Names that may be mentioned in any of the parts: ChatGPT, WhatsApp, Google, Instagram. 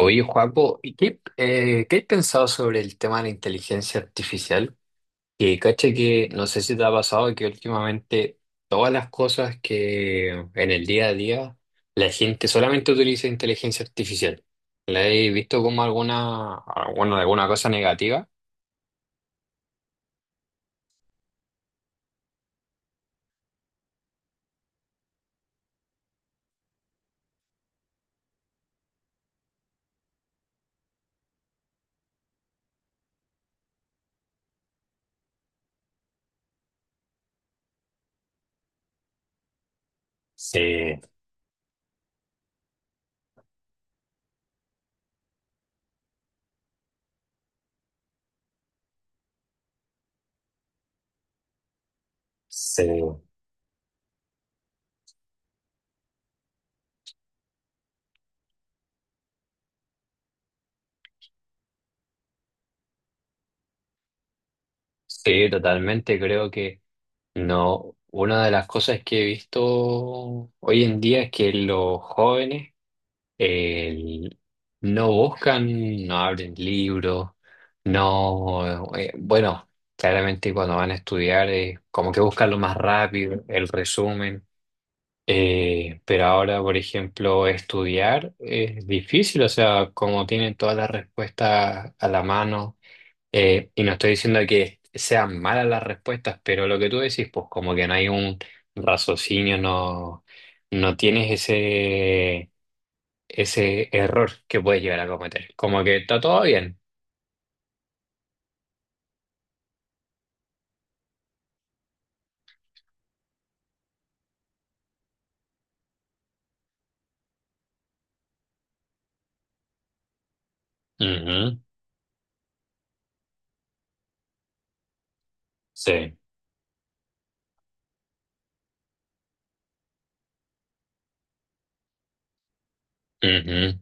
Oye, Juaco, ¿ qué has pensado sobre el tema de la inteligencia artificial? Que caché que no sé si te ha pasado que últimamente todas las cosas que en el día a día la gente solamente utiliza inteligencia artificial. ¿La he visto como alguna, bueno, alguna cosa negativa? Sí, sí, sí, totalmente. Creo que no. Una de las cosas que he visto hoy en día es que los jóvenes el- no buscan, no abren libros, no, bueno, claramente cuando van a estudiar, como que buscan lo más rápido, el resumen. Pero ahora, por ejemplo, estudiar es difícil, o sea, como tienen todas las respuestas a la mano, y no estoy diciendo que sean malas las respuestas, pero lo que tú decís, pues como que no hay un raciocinio, no, no tienes ese error que puedes llegar a cometer. Como que está todo bien. Ujú. Sí. Ujú.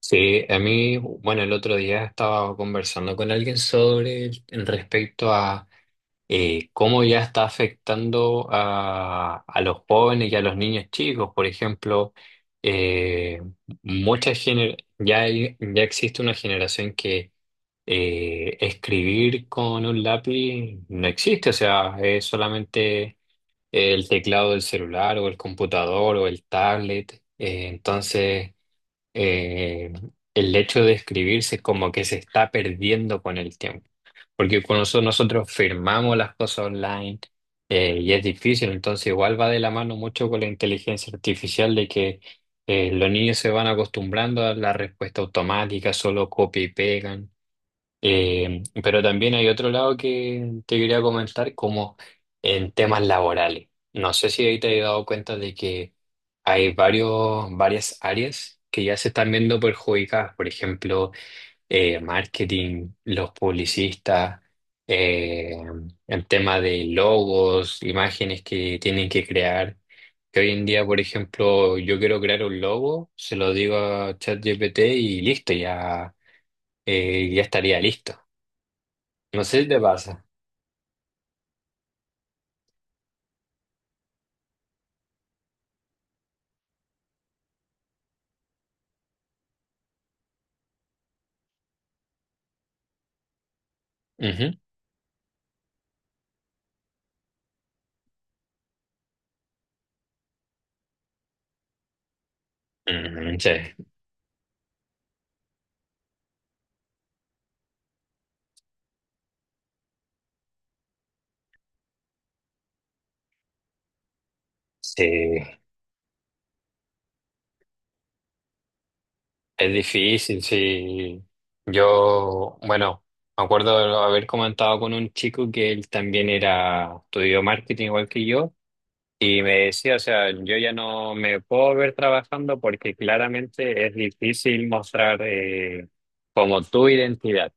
Sí, a mí, bueno, el otro día estaba conversando con alguien sobre en respecto a cómo ya está afectando a los jóvenes y a los niños chicos. Por ejemplo, eh, ya, ya existe una generación que escribir con un lápiz no existe, o sea, es solamente el teclado del celular o el computador o el tablet. Entonces, eh, el hecho de escribirse es como que se está perdiendo con el tiempo, porque con nosotros, nosotros firmamos las cosas online, y es difícil, entonces igual va de la mano mucho con la inteligencia artificial de que los niños se van acostumbrando a la respuesta automática, solo copia y pegan. Pero también hay otro lado que te quería comentar, como en temas laborales. No sé si ahí te has dado cuenta de que hay varios, varias áreas que ya se están viendo perjudicadas. Por ejemplo, marketing, los publicistas, eh, el tema de logos, imágenes que tienen que crear. Que hoy en día, por ejemplo, yo quiero crear un logo, se lo digo a ChatGPT y listo, ya, ya estaría listo. No sé si te pasa. Ujú. Mm, sí, sí, es difícil, sí. Yo, bueno, me acuerdo de haber comentado con un chico que él también era, estudió marketing igual que yo, y me decía, o sea, yo ya no me puedo ver trabajando porque claramente es difícil mostrar como tu identidad.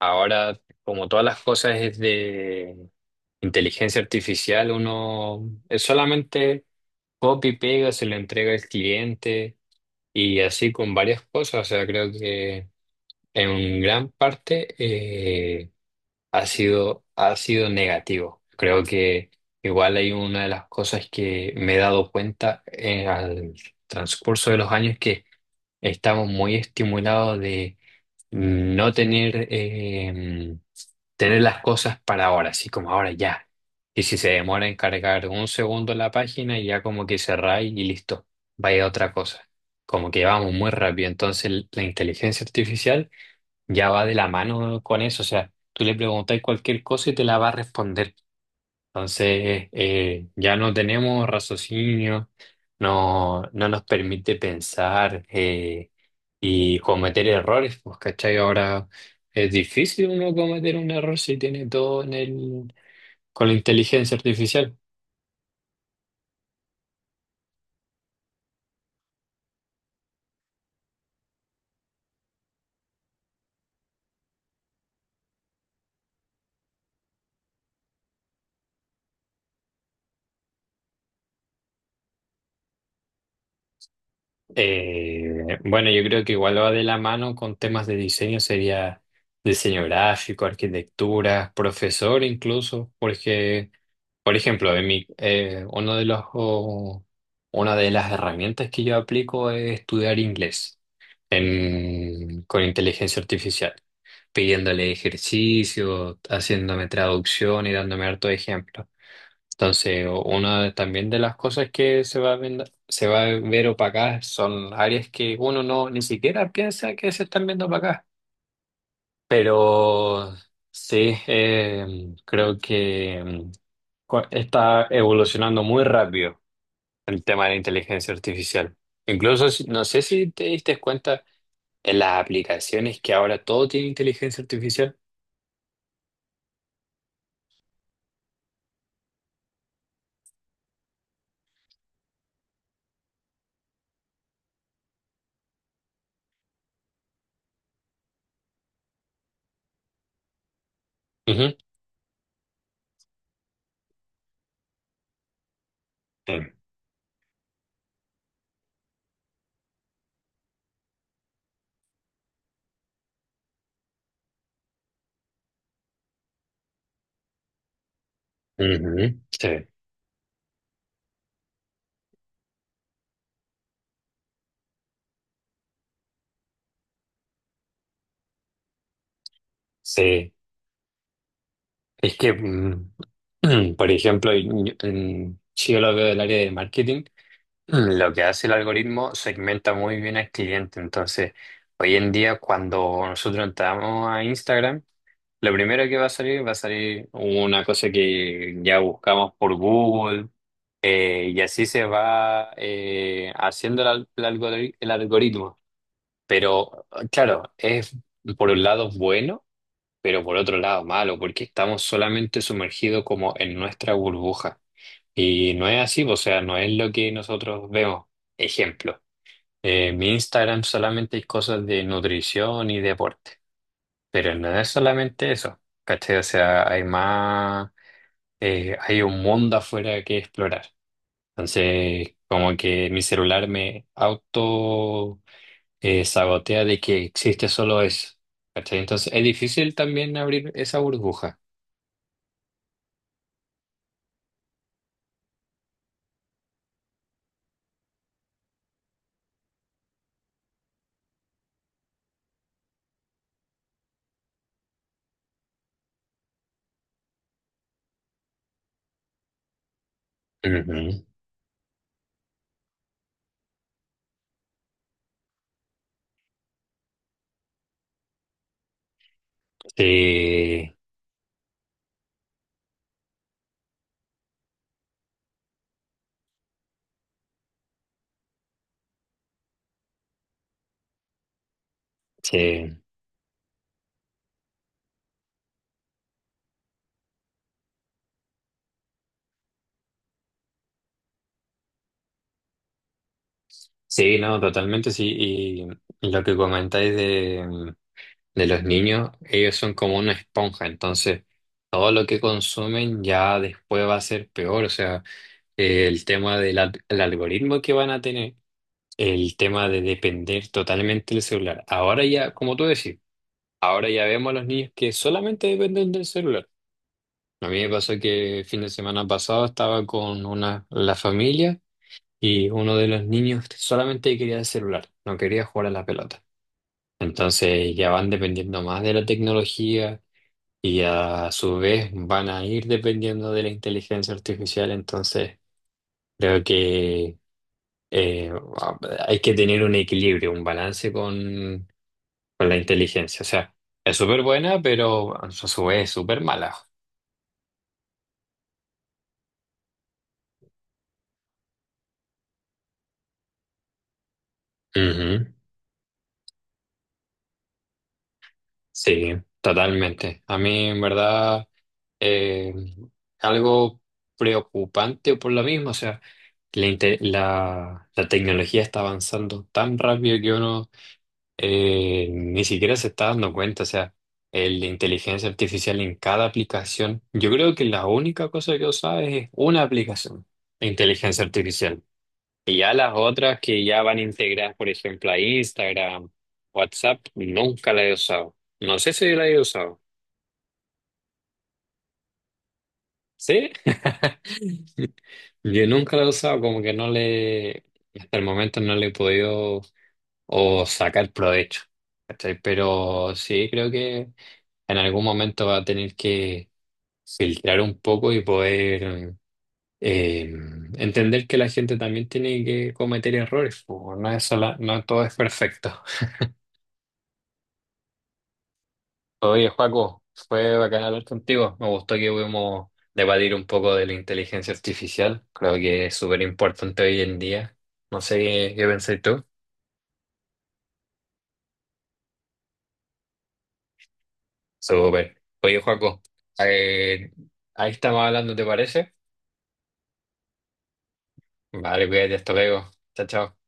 Ahora, como todas las cosas es de inteligencia artificial, uno es solamente copia y pega, se lo entrega al cliente y así con varias cosas. O sea, creo que en gran parte ha sido negativo. Creo que igual hay una de las cosas que me he dado cuenta en el transcurso de los años que estamos muy estimulados de no tener, tener las cosas para ahora, así como ahora ya. Y si se demora en cargar un segundo la página, ya como que cerráis y listo, vaya a otra cosa. Como que vamos muy rápido. Entonces la inteligencia artificial ya va de la mano con eso. O sea, tú le preguntáis cualquier cosa y te la va a responder. Entonces, ya no tenemos raciocinio, no, no nos permite pensar, y cometer errores, pues, ¿cachai? Ahora es difícil uno cometer un error si tiene todo en el, con la inteligencia artificial. Bueno, yo creo que igual va de la mano con temas de diseño, sería diseño gráfico, arquitectura, profesor incluso, porque... Por ejemplo, en mi, uno de los, o- una de las herramientas que yo aplico es estudiar inglés con inteligencia artificial, pidiéndole ejercicio, haciéndome traducción y dándome harto ejemplo. Entonces, también de las cosas que se va a ver opacadas son áreas que uno no ni siquiera piensa que se están viendo opacadas. Pero sí, creo que está evolucionando muy rápido el tema de la inteligencia artificial. Incluso, no sé si te diste cuenta en las aplicaciones que ahora todo tiene inteligencia artificial. Ujú. Sí. Ujú. Sí. Sí. Es que, mm, por ejemplo, si yo lo veo del área de marketing, mm, lo que hace el algoritmo segmenta muy bien al cliente. Entonces, hoy en día, cuando nosotros entramos a Instagram, lo primero que va a salir una cosa que ya buscamos por Google, y así se va, haciendo el algoritmo. Pero claro, es por un lado bueno, pero por otro lado malo, porque estamos solamente sumergidos como en nuestra burbuja. Y no es así, o sea, no es lo que nosotros vemos. Ejemplo, mi Instagram solamente hay cosas de nutrición y deporte. Pero no es solamente eso, ¿cachai? O sea, hay más, hay un mundo afuera que explorar. Entonces, como que mi celular me auto, sabotea de que existe solo eso, ¿cachai? Entonces, es difícil también abrir esa burbuja. Ujú. Sí, sí, sí, no, totalmente sí. Y lo que comentáis de los niños, ellos son como una esponja, entonces todo lo que consumen ya después va a ser peor, o sea, el tema el algoritmo que van a tener, el tema de depender totalmente del celular. Ahora ya, como tú decís, ahora ya vemos a los niños que solamente dependen del celular. A mí me pasó que el fin de semana pasado estaba con una, la familia y uno de los niños solamente quería el celular, no quería jugar a la pelota. Entonces ya van dependiendo más de la tecnología y a su vez van a ir dependiendo de la inteligencia artificial, entonces creo que eh, hay que tener un equilibrio, un balance con la inteligencia. O sea, es súper buena, pero a su vez es súper mala. Ujú. Sí, totalmente. A mí en verdad eh, algo preocupante por lo mismo, o sea, la, inte- la la tecnología está avanzando tan rápido que uno... ni siquiera se está dando cuenta, o sea, el de inteligencia artificial en cada aplicación. Yo creo que la única cosa que usaba es una aplicación de inteligencia artificial. Y ya las otras que ya van integradas, por ejemplo, a Instagram, WhatsApp, nunca la he usado. No sé si la he usado. ¿Sí? Yo nunca la he usado, como que no le, hasta el momento no le he podido o sacar provecho, ¿cachai? Pero sí, creo que en algún momento va a tener que filtrar un poco y poder eh, entender que la gente también tiene que cometer errores, po. No todo es perfecto. Oye, Joaco, fue bacán hablar contigo, me gustó que pudimos debatir un poco de la inteligencia artificial, creo que es súper importante hoy en día, no sé qué, qué pensáis tú. Súper. Oye, Joaco, eh, ahí estamos hablando, ¿te parece? Vale, cuídate, hasta luego. Chao, chao.